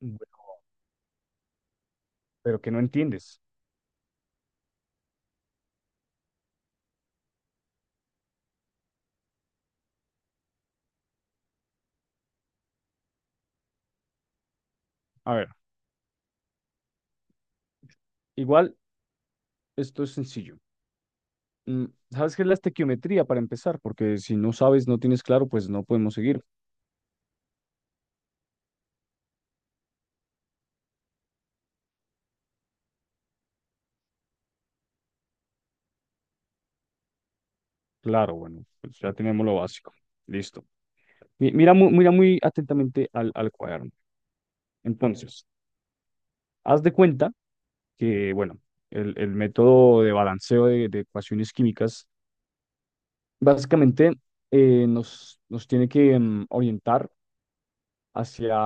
Bueno, pero que no entiendes. A ver, igual esto es sencillo. Mm, ¿Sabes qué es la estequiometría para empezar? Porque si no sabes, no tienes claro, pues no podemos seguir. Claro, bueno, pues ya tenemos lo básico. Listo. Mira, mira muy atentamente al cuaderno. Entonces, haz de cuenta que, bueno, el método de balanceo de ecuaciones químicas básicamente nos tiene que orientar hacia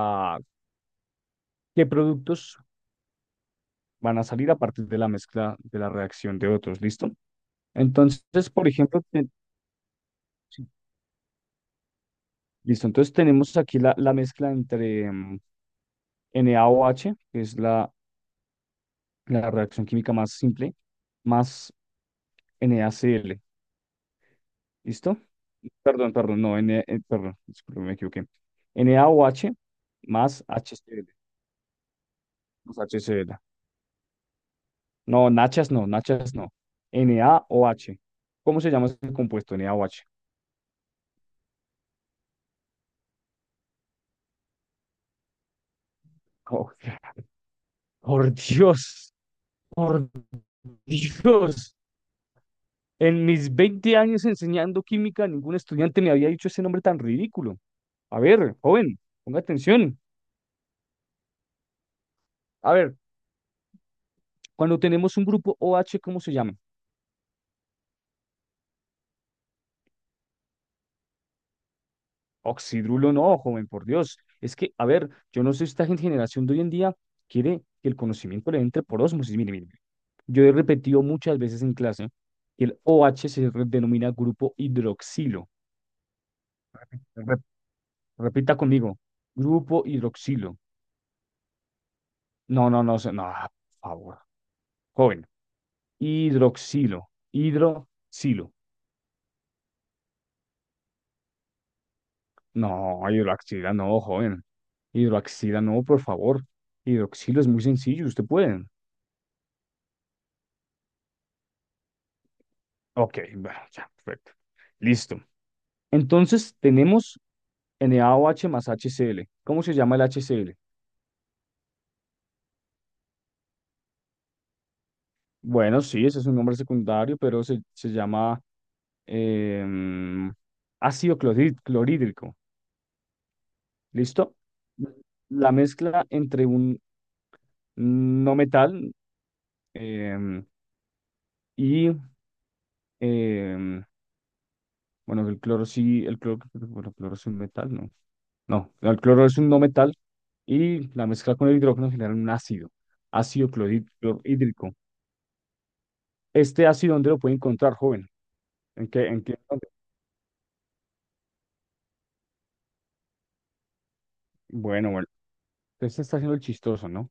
qué productos van a salir a partir de la mezcla de la reacción de otros, ¿listo? Entonces, por ejemplo, sí, listo, entonces tenemos aquí la mezcla entre NaOH, que es la reacción química más simple, más NaCl, ¿listo? Perdón, perdón, no, perdón, disculpe, me equivoqué. NaOH más HCl, más HCl. No, nachas no, nachas no. NaOH. ¿Cómo se llama ese compuesto? NaOH. Oh, por Dios. Por Dios, en mis 20 años enseñando química, ningún estudiante me había dicho ese nombre tan ridículo. A ver, joven, ponga atención. A ver, cuando tenemos un grupo OH, ¿cómo se llama? Oxidrulo no, joven, por Dios. Es que, a ver, yo no sé, si esta generación de hoy en día quiere que el conocimiento le entre por ósmosis. Mire, mire, mire. Yo he repetido muchas veces en clase que el OH se denomina grupo hidroxilo. Rep- repita conmigo, grupo hidroxilo. No, no, no, no, por favor. Joven, hidroxilo. Hidroxilo. No, hidroxila no, joven. Hidroxila no, por favor. Hidroxilo es muy sencillo, usted puede. Ok, bueno, ya, perfecto. Listo. Entonces tenemos NaOH más HCl. ¿Cómo se llama el HCl? Bueno, sí, ese es un nombre secundario, pero se llama em, ácido clorhídrico. ¿Listo? La mezcla entre un no metal em, y Em, bueno, el cloro sí, el cloro, bueno, el cloro es un metal, ¿no? No, el cloro es un no metal y la mezcla con el hidrógeno genera un ácido, ácido clorhídrico. Este ácido, ¿dónde lo puede encontrar, joven? ¿En qué, en qué? ¿Dónde? Bueno, bueno, usted se está haciendo el chistoso, ¿no?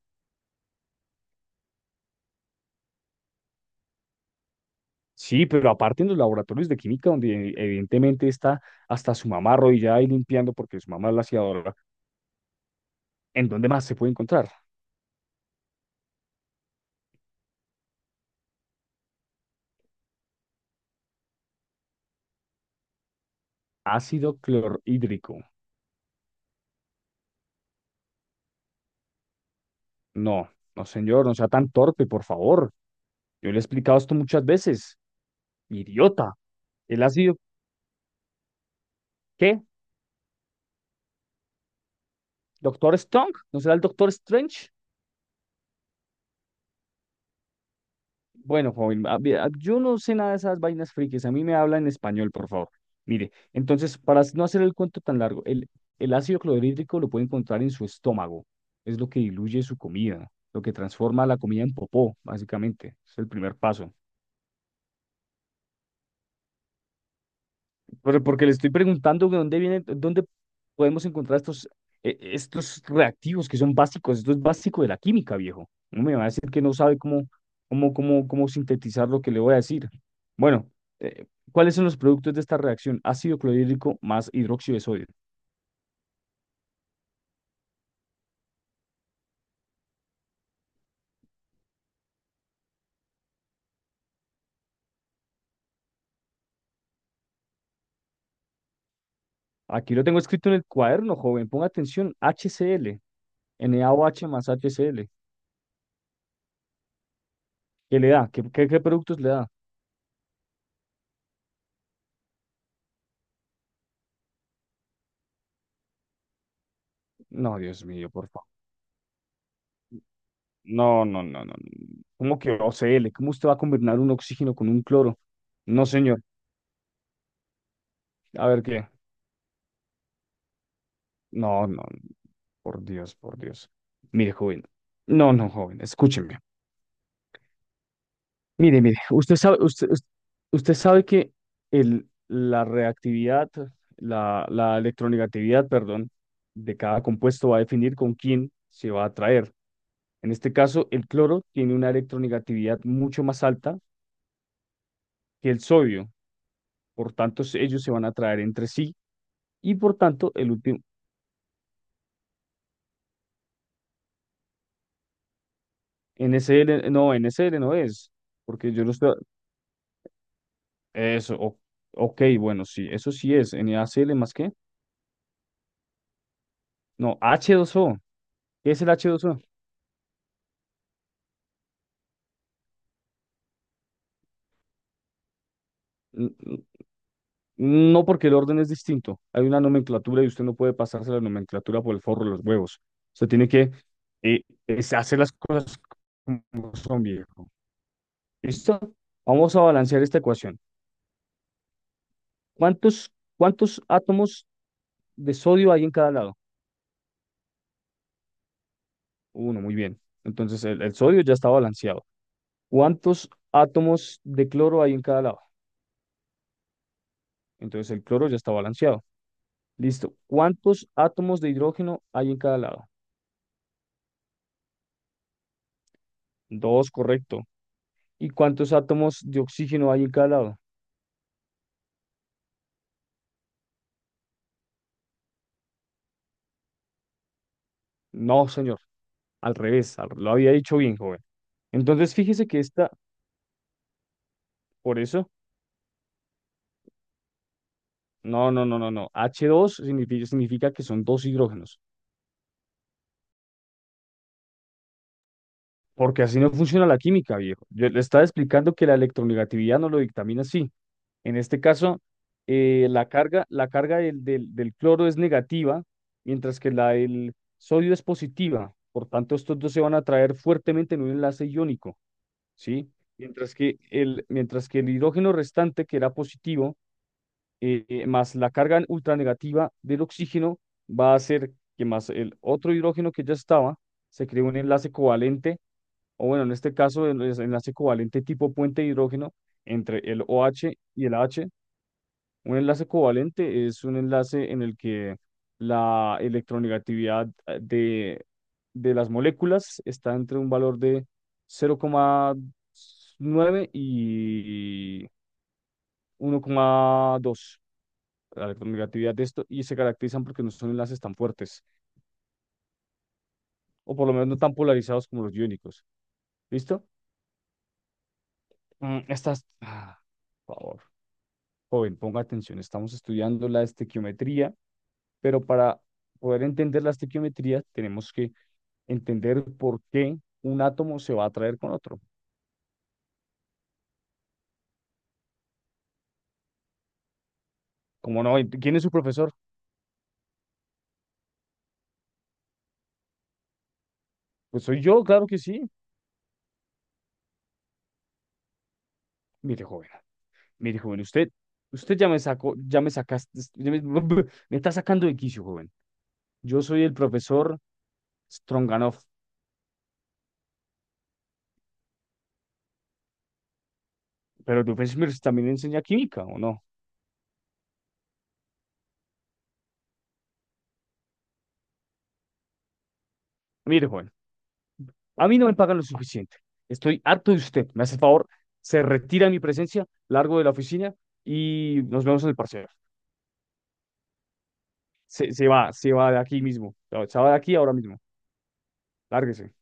Sí, pero aparte en los laboratorios de química, donde evidentemente está hasta su mamá arrodillada y limpiando porque su mamá es la aseadora, ¿en dónde más se puede encontrar? Ácido clorhídrico. No, no, señor, no sea tan torpe, por favor. Yo le he explicado esto muchas veces. Idiota. Él ha sido, ¿qué? ¿Doctor Strong? ¿No será el Doctor Strange? Bueno, joven, yo no sé nada de esas vainas frikis. A mí me habla en español, por favor. Mire, entonces, para no hacer el cuento tan largo, el ácido clorhídrico lo puede encontrar en su estómago. Es lo que diluye su comida, lo que transforma la comida en popó, básicamente. Es el primer paso. Pero porque le estoy preguntando de dónde vienen, dónde podemos encontrar estos reactivos que son básicos. Esto es básico de la química, viejo. No me va a decir que no sabe cómo, cómo sintetizar lo que le voy a decir. Bueno, eh, ¿cuáles son los productos de esta reacción? Ácido clorhídrico más hidróxido de sodio. Aquí lo tengo escrito en el cuaderno, joven. Ponga atención, HCl, NaOH más HCl. ¿Qué le da? ¿Qué productos le da? No, Dios mío, por favor. No, no, no, no. ¿Cómo que OCL? ¿Cómo usted va a combinar un oxígeno con un cloro? No, señor. A ver qué. No, no, por Dios, por Dios. Mire, joven. No, no, joven, escúcheme. Mire, mire, usted sabe, usted sabe que el, la reactividad, la electronegatividad, perdón, de cada compuesto va a definir con quién se va a atraer. En este caso, el cloro tiene una electronegatividad mucho más alta que el sodio. Por tanto, ellos se van a atraer entre sí. Y por tanto, el último, NSL, no, NSL no es, porque yo no estoy, eso, ok, bueno, sí, eso sí es, NaCl más qué, no, H2O, ¿qué es el H2O? N- n- No, porque el orden es distinto, hay una nomenclatura y usted no puede pasarse la nomenclatura por el forro de los huevos, usted tiene que eh, es hacer las cosas como son, viejo. ¿Listo? Vamos a balancear esta ecuación. ¿Cuántos, cuántos átomos de sodio hay en cada lado? Uno, muy bien. Entonces el sodio ya está balanceado. ¿Cuántos átomos de cloro hay en cada lado? Entonces el cloro ya está balanceado. Listo. ¿Cuántos átomos de hidrógeno hay en cada lado? Dos, correcto. ¿Y cuántos átomos de oxígeno hay en cada lado? No, señor. Al revés. Lo había dicho bien, joven. Entonces fíjese que esta, por eso, no, no, no, no, no. H dos significa que son dos hidrógenos. Porque así no funciona la química, viejo. Yo le estaba explicando que la electronegatividad no lo dictamina así. En este caso, la carga del cloro es negativa, mientras que la del sodio es positiva. Por tanto, estos dos se van a atraer fuertemente en un enlace iónico, ¿sí? Mientras que el hidrógeno restante, que era positivo, más la carga ultranegativa del oxígeno, va a hacer que más el otro hidrógeno que ya estaba, se cree un enlace covalente, o bueno, en este caso, el enlace covalente tipo puente de hidrógeno entre el OH y el H, un enlace covalente es un enlace en el que la electronegatividad de las moléculas está entre un valor de 0,9 y 1,2. La electronegatividad de esto y se caracterizan porque no son enlaces tan fuertes o por lo menos no tan polarizados como los iónicos. ¿Listo? Mm, Estas, ah, por favor, joven, ponga atención. Estamos estudiando la estequiometría, pero para poder entender la estequiometría tenemos que entender por qué un átomo se va a atraer con otro. ¿Cómo no? ¿Quién es su profesor? Pues soy yo, claro que sí. Mire, joven, mire, joven, usted ya me sacó, ya me sacaste, me está sacando de quicio, joven. Yo soy el profesor Stronganoff, pero el profesor Smith también enseña química, ¿o no? Mire, joven, a mí no me pagan lo suficiente. Estoy harto de usted. Me hace el favor, se retira de mi presencia, largo de la oficina y nos vemos en el parcial. Se va, se va de aquí mismo. Se va de aquí ahora mismo. Lárguese.